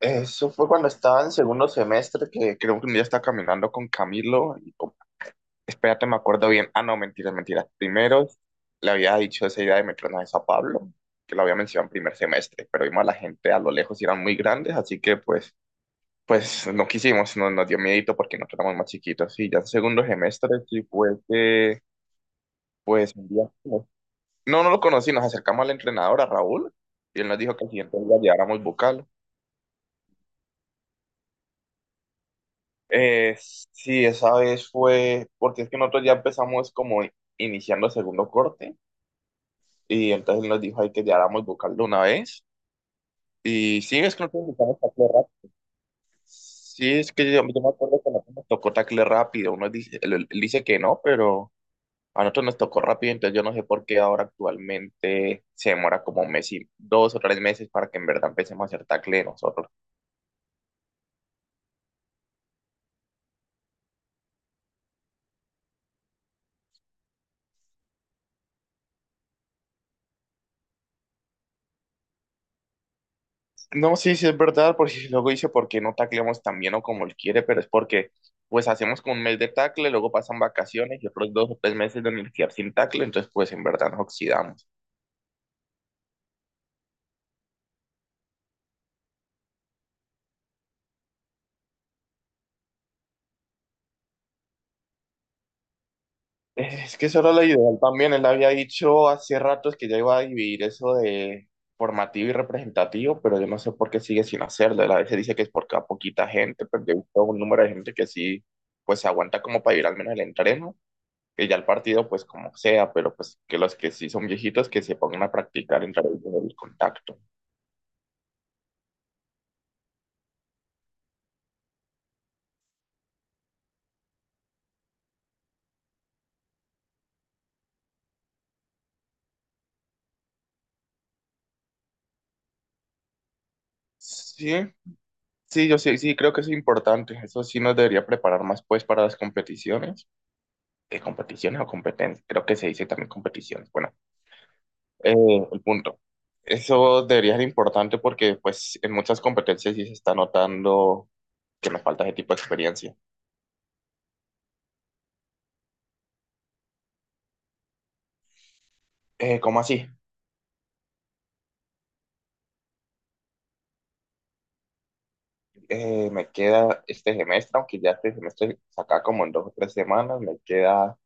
Eso fue cuando estaba en segundo semestre, que creo que un día estaba caminando con Camilo. Y, como, espérate, me acuerdo bien. Ah, no, mentira, Primero le había dicho esa idea de Metronas a Pablo, que lo había mencionado en primer semestre, pero vimos a la gente a lo lejos y eran muy grandes, así que pues no quisimos, no, nos dio miedito porque nosotros éramos más chiquitos. Y ya en segundo semestre, sí fue que, pues un día. No, no lo conocí, nos acercamos al entrenador, a Raúl, y él nos dijo que el siguiente día lleváramos bucal. Sí, esa vez fue, porque es que nosotros ya empezamos como iniciando el segundo corte y entonces él nos dijo ahí que ya hagamos vocal de una vez y sí, es que nosotros empezamos tacle rápido. Sí, es que yo me acuerdo que nosotros nos tocó tacle rápido, uno dice, él dice que no, pero a nosotros nos tocó rápido, entonces yo no sé por qué ahora actualmente se demora como un mes y dos o tres meses para que en verdad empecemos a hacer tacle nosotros. No, sí, sí es verdad, porque luego dice por qué no tacleamos tan bien o como él quiere, pero es porque pues hacemos como un mes de tacle, luego pasan vacaciones y otros dos o tres meses de universidad sin tacle, entonces pues en verdad nos oxidamos. Es que eso era lo ideal también, él había dicho hace ratos que ya iba a dividir eso de formativo y representativo, pero yo no sé por qué sigue sin hacerlo, él a veces dice que es porque a poquita gente, pero yo he visto un número de gente que sí pues se aguanta como para ir al menos el entreno que ya el partido, pues como sea, pero pues que los que sí son viejitos que se pongan a practicar en través del contacto. Sí, sí, yo sí, creo que es importante. Eso sí nos debería preparar más pues para las competiciones. ¿Qué competiciones o competencias? Creo que se dice también competiciones. Bueno, eh, el punto. Eso debería ser importante porque pues en muchas competencias sí se está notando que nos falta ese tipo de experiencia. ¿Cómo así? Me queda este semestre, aunque ya este semestre saca como en dos o tres semanas, me queda.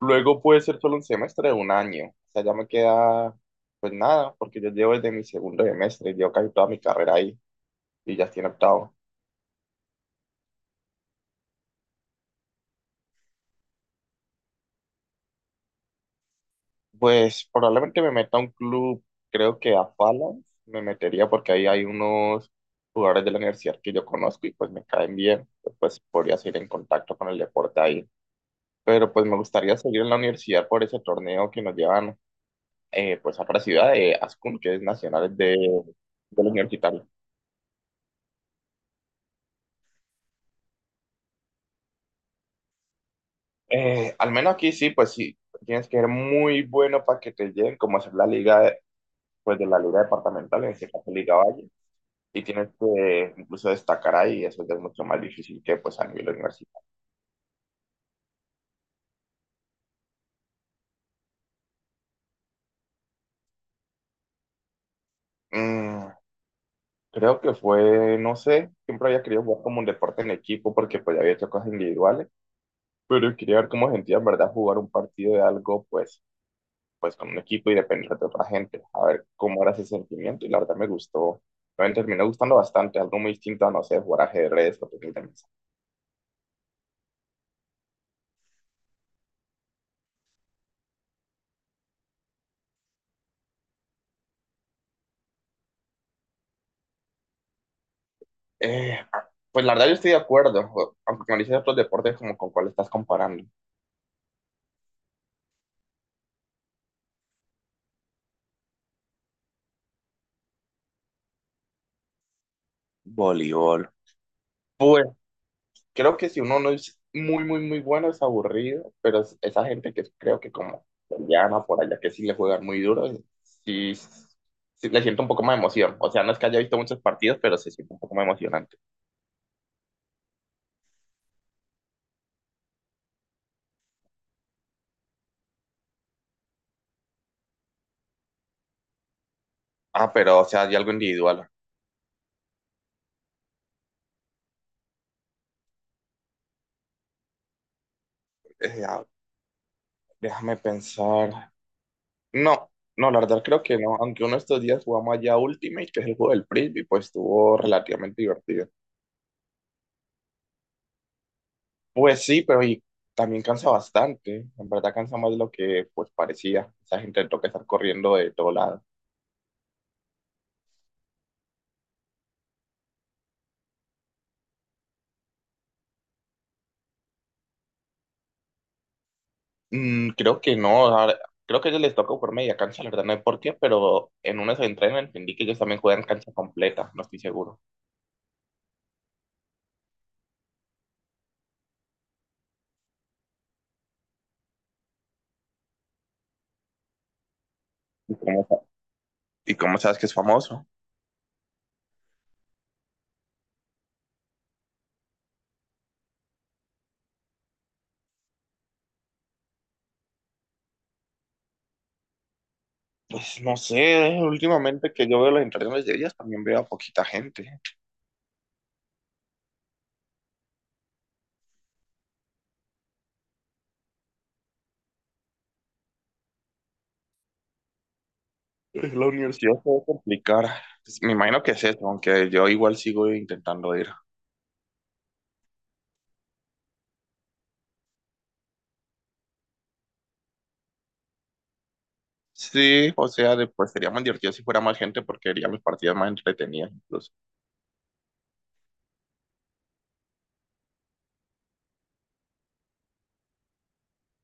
Luego puede ser solo un semestre de un año. O sea, ya me queda pues nada, porque yo llevo desde mi segundo semestre, llevo casi toda mi carrera ahí y ya estoy en octavo. Pues probablemente me meta a un club, creo que a Phalanx me metería porque ahí hay unos jugadores de la universidad que yo conozco y pues me caen bien. Pues podría seguir en contacto con el deporte ahí. Pero pues me gustaría seguir en la universidad por ese torneo que nos llevan pues a otra ciudad de Ascún, que es Nacionales del Universitario. Al menos aquí sí, pues sí, tienes que ser muy bueno para que te lleguen, como hacer la liga, pues de la liga departamental, en este caso Liga Valle, y tienes que incluso destacar ahí, eso ya es mucho más difícil que pues a nivel universitario. Mm, creo que fue, no sé, siempre había querido jugar como un deporte en equipo porque pues ya había hecho cosas individuales, pero quería ver cómo sentía en verdad jugar un partido de algo pues con un equipo y depender de otra gente, a ver cómo era ese sentimiento y la verdad me gustó, me terminó gustando bastante, algo muy distinto a, no sé, jugar ajedrez o tenis de mesa. Eh, pues la verdad yo estoy de acuerdo, aunque me dices otros deportes como con cuál estás comparando. Voleibol. Pues creo que si uno no es muy, muy, muy bueno es aburrido, pero esa gente que creo que como se llama por allá, que sí le juegan muy duro, sí, sí le siento un poco más de emoción. O sea, no es que haya visto muchos partidos, pero se siente un poco más emocionante. Ah, pero, o sea, hay algo individual. Eh, ah, déjame pensar. No, no, la verdad creo que no. Aunque uno de estos días jugamos allá Ultimate, que es el juego del Frisbee, pues estuvo relativamente divertido. Pues sí, pero y también cansa bastante. En verdad cansa más de lo que pues parecía. Esa gente le toca estar corriendo de todo lado. Creo que no. Creo que a ellos les toca por media cancha, la verdad no sé por qué, pero en uno se entrenan entendí que ellos también juegan cancha completa, no estoy seguro. ¿Y cómo, y cómo sabes que es famoso? Pues no sé, últimamente que yo veo las interacciones de ellas también veo a poquita gente. Pues, la universidad se va a complicar. Pues, me imagino que es eso, aunque yo igual sigo intentando ir. Sí, o sea, pues sería más divertido si fuera más gente porque haría mis partidas más entretenidas incluso.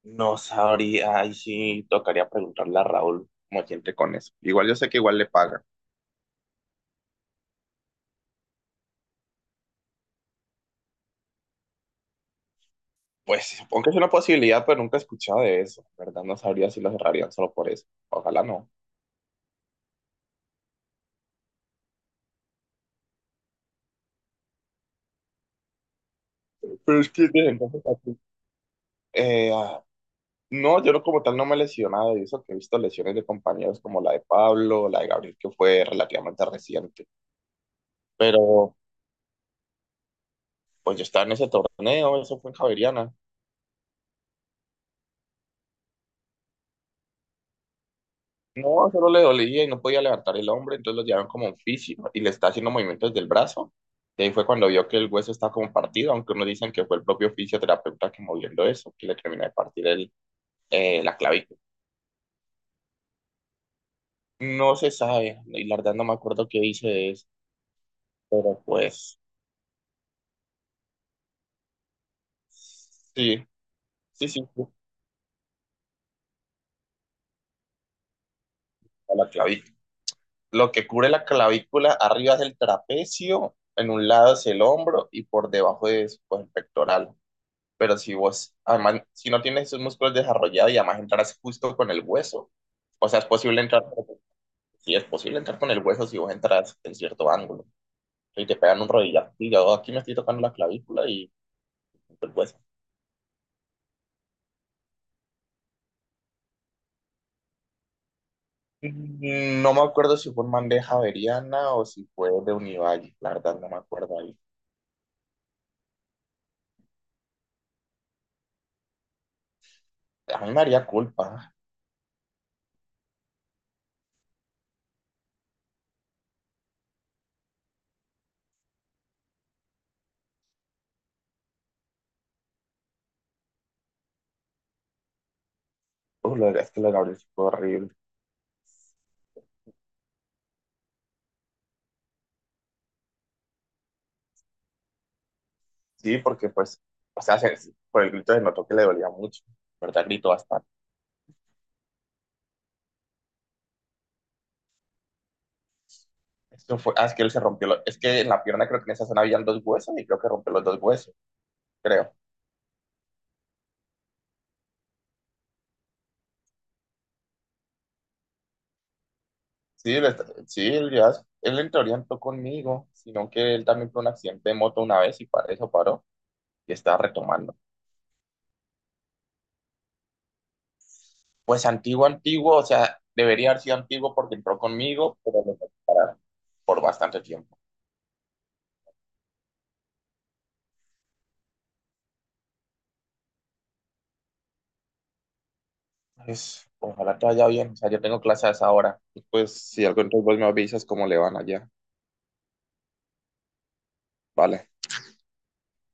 No sabría, ahí sí tocaría preguntarle a Raúl cómo siente con eso. Igual yo sé que igual le pagan. Pues supongo que es una posibilidad, pero nunca he escuchado de eso, ¿verdad? No sabría si lo cerrarían solo por eso. Ojalá no. Pero es que desde entonces, así, eh, no, yo no como tal no me he lesionado y eso que he visto lesiones de compañeros como la de Pablo, la de Gabriel, que fue relativamente reciente. Pero pues yo estaba en ese torneo, eso fue en Javeriana. No, solo le dolía y no podía levantar el hombro, entonces lo llevaron como un fisio y le está haciendo movimientos del brazo. Y ahí fue cuando vio que el hueso estaba como partido, aunque unos dicen que fue el propio fisioterapeuta que moviendo eso, que le terminó de partir la clavícula. No se sabe, y la verdad no me acuerdo qué hice de eso, pero pues sí, sí, fue a la clavícula. Lo que cubre la clavícula arriba es el trapecio, en un lado es el hombro y por debajo es pues, el pectoral. Pero si vos, además, si no tienes esos músculos desarrollados y además entras justo con el hueso, o sea, es posible entrar, si es posible entrar con el hueso si vos entras en cierto ángulo y te pegan un rodillazo. Y yo aquí me estoy tocando la clavícula y el hueso. No me acuerdo si fue en bandeja averiana o si fue de Univalle, la verdad no me acuerdo ahí. A mí me haría culpa. Es que lo de Gabriel fue horrible. Sí, porque pues, o sea, por el grito se notó que le dolía mucho, ¿verdad? Gritó bastante. Eso fue, ah, es que él se rompió, es que en la pierna creo que en esa zona habían dos huesos y creo que rompió los dos huesos, creo. Sí, él, está- sí, él ya, él en teoría entró conmigo, sino que él también tuvo un accidente de moto una vez y para eso paró y está retomando. Pues antiguo, antiguo, o sea, debería haber sido antiguo porque entró conmigo, pero lo tuve que parar por bastante tiempo. Pues, ojalá te vaya bien, o sea, yo tengo clases a esa hora. Pues, si algo entonces vos me avisas cómo le van allá. Vale.